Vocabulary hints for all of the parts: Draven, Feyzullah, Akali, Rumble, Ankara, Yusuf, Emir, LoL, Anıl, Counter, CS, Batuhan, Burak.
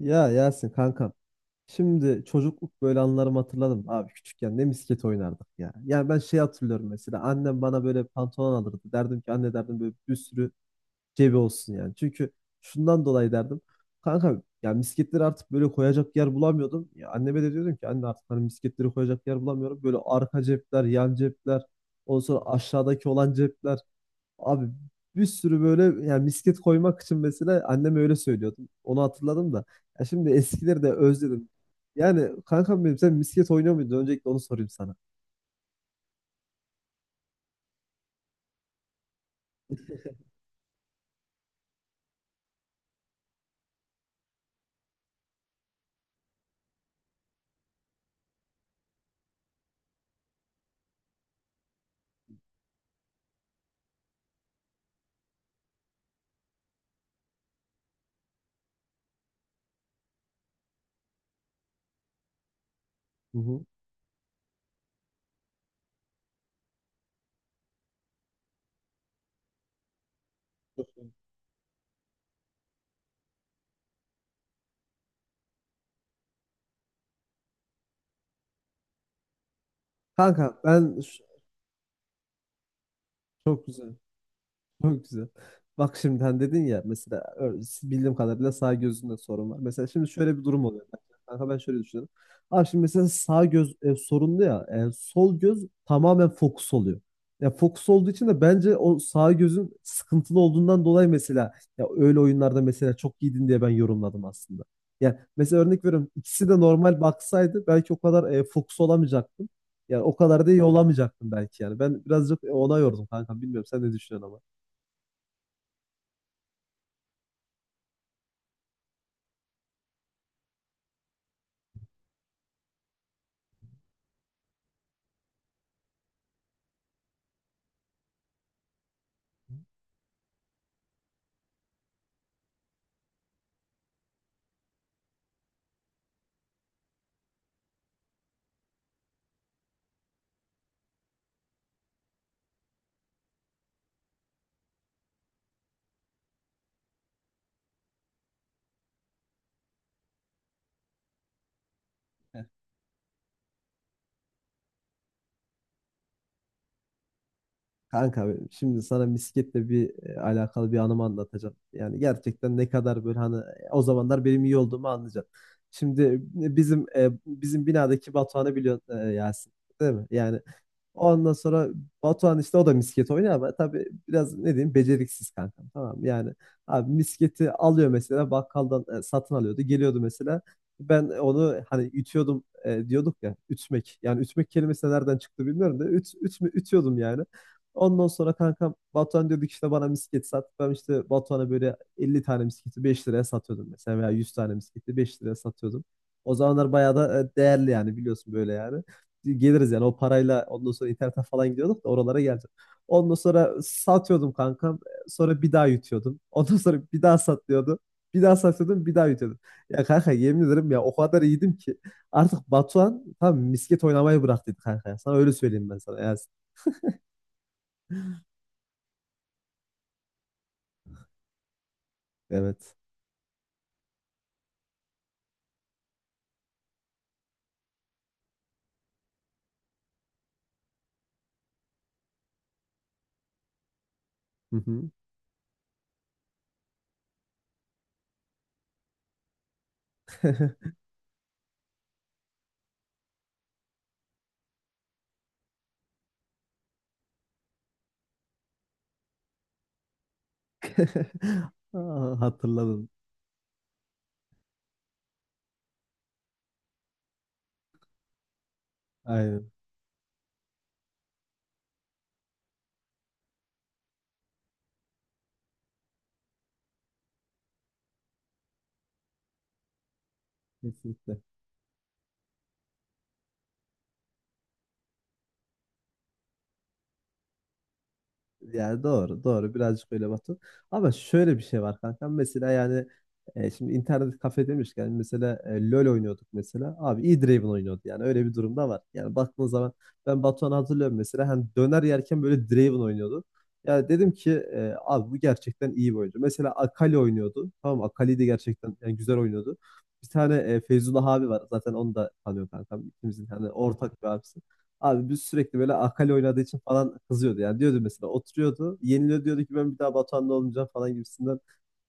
Ya Yasin kankam. Şimdi çocukluk böyle anılarımı hatırladım. Abi küçükken ne misket oynardık ya. Yani ben şey hatırlıyorum mesela. Annem bana böyle pantolon alırdı. Derdim ki anne derdim böyle bir sürü cebi olsun yani. Çünkü şundan dolayı derdim. Kanka ya misketleri artık böyle koyacak yer bulamıyordum. Ya anneme de diyordum ki anne artık hani misketleri koyacak yer bulamıyorum. Böyle arka cepler, yan cepler, ondan sonra aşağıdaki olan cepler. Abi bir sürü böyle yani misket koymak için mesela annem öyle söylüyordu. Onu hatırladım da. Ya şimdi eskileri de özledim. Yani kankam benim sen misket oynuyor muydun? Öncelikle onu sorayım sana. Hı hı. Kanka ben ş- Çok güzel. Çok güzel. Bak şimdiden dedin ya mesela bildiğim kadarıyla sağ gözünde sorun var. Mesela şimdi şöyle bir durum oluyor. Bak, kanka ben şöyle düşünüyorum. Abi şimdi mesela sağ göz sorunlu ya. Sol göz tamamen fokus oluyor. Ya fokus olduğu için de bence o sağ gözün sıkıntılı olduğundan dolayı mesela ya öyle oyunlarda mesela çok giydin diye ben yorumladım aslında. Yani mesela örnek veriyorum ikisi de normal baksaydı belki o kadar fokus olamayacaktım. Yani o kadar da iyi olamayacaktım belki yani. Ben birazcık ona yordum kanka. Bilmiyorum sen ne düşünüyorsun ama. Kanka benim, şimdi sana misketle bir alakalı bir anımı anlatacağım. Yani gerçekten ne kadar böyle hani o zamanlar benim iyi olduğumu anlayacaksın. Şimdi bizim binadaki Batuhan'ı biliyorsun Yasin, değil mi? Yani ondan sonra Batuhan işte o da misket oynuyor ama tabii biraz ne diyeyim beceriksiz kankam tamam mı? Yani abi misketi alıyor mesela bakkaldan satın alıyordu geliyordu mesela ben onu hani ütüyordum diyorduk ya ütmek yani ütmek kelimesi nereden çıktı bilmiyorum da ütüyordum yani. Ondan sonra kankam Batuhan diyorduk işte bana misket sat. Ben işte Batuhan'a böyle 50 tane misketi 5 liraya satıyordum mesela veya 100 tane misketi 5 liraya satıyordum. O zamanlar bayağı da değerli yani biliyorsun böyle yani geliriz yani o parayla ondan sonra internete falan gidiyorduk da oralara geleceğim. Ondan sonra satıyordum kankam. Sonra bir daha yutuyordum. Ondan sonra bir daha satıyordum. Bir daha satıyordum, bir daha yutuyordum. Ya kanka yemin ederim ya o kadar iyiydim ki artık Batuhan tam misket oynamayı bıraktıydı kanka, ya. Sana öyle söyleyeyim ben sana. Ya, evet. Hı hı. Aa, hatırladım. Aynen. Kesinlikle. Yani doğru, doğru. Birazcık öyle Batu. Ama şöyle bir şey var kanka. Mesela yani şimdi internet kafe demişken mesela LoL oynuyorduk mesela. Abi E-Draven oynuyordu yani. Öyle bir durumda var. Yani baktığın zaman ben Batuhan'ı hatırlıyorum mesela. Hani döner yerken böyle Draven oynuyordu. Yani dedim ki abi bu gerçekten iyi bir oyuncu. Mesela Akali oynuyordu. Tamam mı? Akali de gerçekten yani güzel oynuyordu. Bir tane Feyzullah abi var. Zaten onu da tanıyor kankam. İkimizin hani ortak bir abisi. Abi biz sürekli böyle Akali oynadığı için falan kızıyordu. Yani diyordu mesela oturuyordu. Yeniliyor diyordu ki ben bir daha Batuhan'la olmayacağım falan gibisinden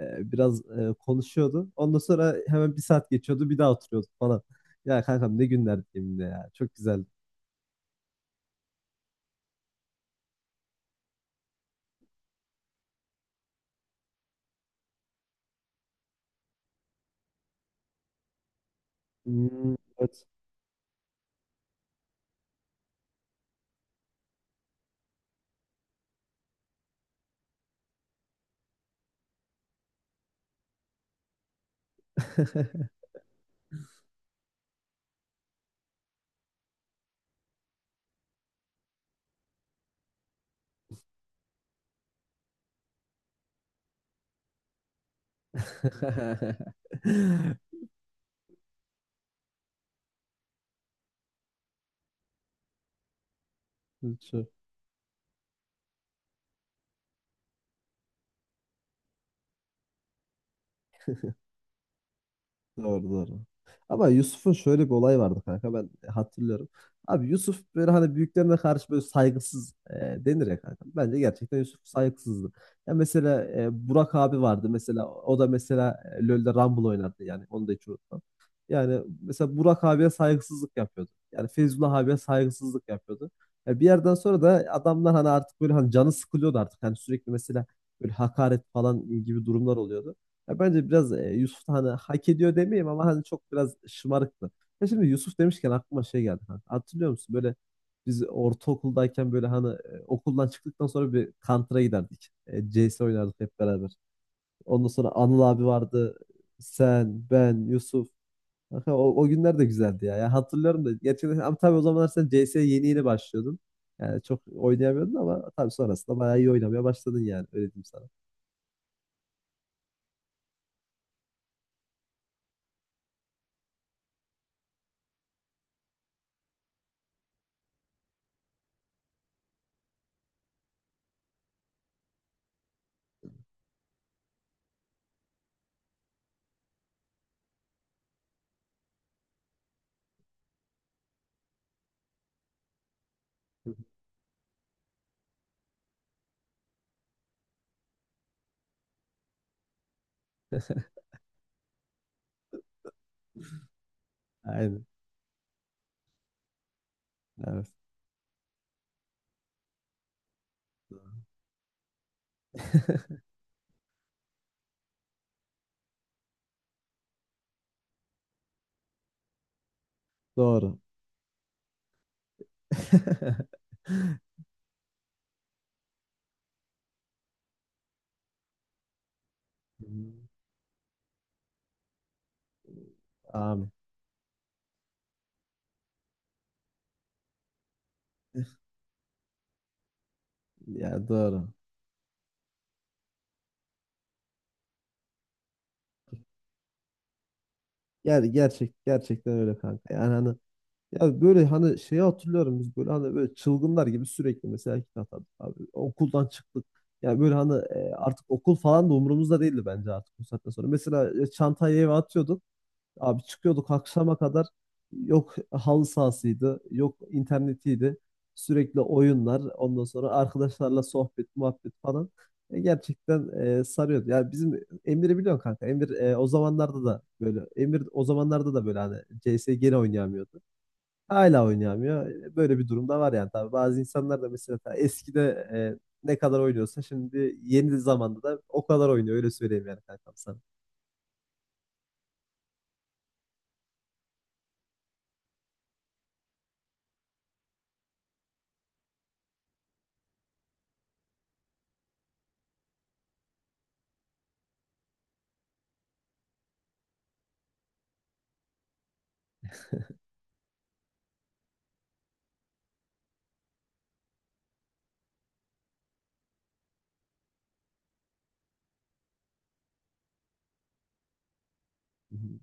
biraz konuşuyordu. Ondan sonra hemen bir saat geçiyordu bir daha oturuyordu falan. Ya kankam ne günlerdi yeminle ya. Çok güzeldi. Hmm, evet. Şu- Doğru doğru. Ama Yusuf'un şöyle bir olayı vardı kanka ben hatırlıyorum. Abi Yusuf böyle hani büyüklerine karşı böyle saygısız denir ya kanka. Bence gerçekten Yusuf saygısızdı. Ya mesela Burak abi vardı mesela o da mesela LoL'de Rumble oynardı yani onu da hiç unutmam. Yani mesela Burak abiye saygısızlık yapıyordu. Yani Feyzullah abiye saygısızlık yapıyordu. Ya bir yerden sonra da adamlar hani artık böyle hani canı sıkılıyordu artık. Hani sürekli mesela böyle hakaret falan gibi durumlar oluyordu. Ya bence biraz Yusuf da hani hak ediyor demeyeyim ama hani çok biraz şımarıktı. Ya şimdi Yusuf demişken aklıma şey geldi. Hani hatırlıyor musun? Böyle biz ortaokuldayken böyle hani okuldan çıktıktan sonra bir Counter'a giderdik. CS oynardık hep beraber. Ondan sonra Anıl abi vardı. Sen, ben, Yusuf. Kanka, o günler de güzeldi ya. Ya hatırlıyorum da gerçekten ama tabii o zamanlar sen CS'ye yeni yeni başlıyordun. Yani çok oynayamıyordun ama tabii sonrasında bayağı iyi oynamaya başladın yani öyle diyeyim sana. Aynen. Evet. Doğru. Hmm. Abi. Ya doğru. Yani gerçekten öyle kanka. Yani hani ya böyle hani şeyi hatırlıyorum biz böyle hani böyle çılgınlar gibi sürekli mesela kitap atardık abi. Okuldan çıktık. Yani böyle hani artık okul falan da umurumuzda değildi bence artık bu saatten sonra. Mesela çantayı eve atıyorduk. Abi çıkıyorduk akşama kadar yok halı sahasıydı, yok internetiydi. Sürekli oyunlar, ondan sonra arkadaşlarla sohbet, muhabbet falan. Gerçekten sarıyordu. Ya bizim Emir'i biliyorsun kanka. Emir o zamanlarda da böyle. Emir o zamanlarda da böyle hani CS gene oynayamıyordu. Hala oynayamıyor. Böyle bir durumda var yani tabii. Bazı insanlar da mesela ta eskide e, ne kadar oynuyorsa şimdi yeni zamanda da o kadar oynuyor öyle söyleyeyim yani kankam sana. Hı hı.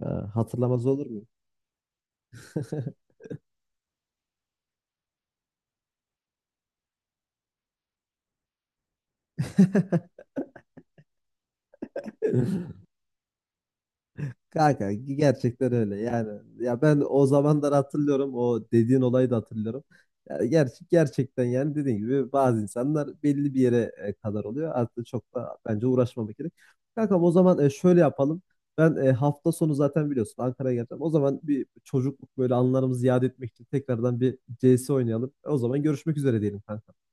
Ha, hatırlamaz olur mu? Kanka gerçekten öyle yani ya ben o zamanlar hatırlıyorum o dediğin olayı da hatırlıyorum. Ya gerçekten yani dediğin gibi bazı insanlar belli bir yere kadar oluyor. Artık çok da bence uğraşmamak gerek. Kankam o zaman şöyle yapalım. Ben hafta sonu zaten biliyorsun Ankara'ya geleceğim. O zaman bir çocukluk böyle anılarımızı yad etmek için tekrardan bir CS oynayalım. O zaman görüşmek üzere diyelim kanka.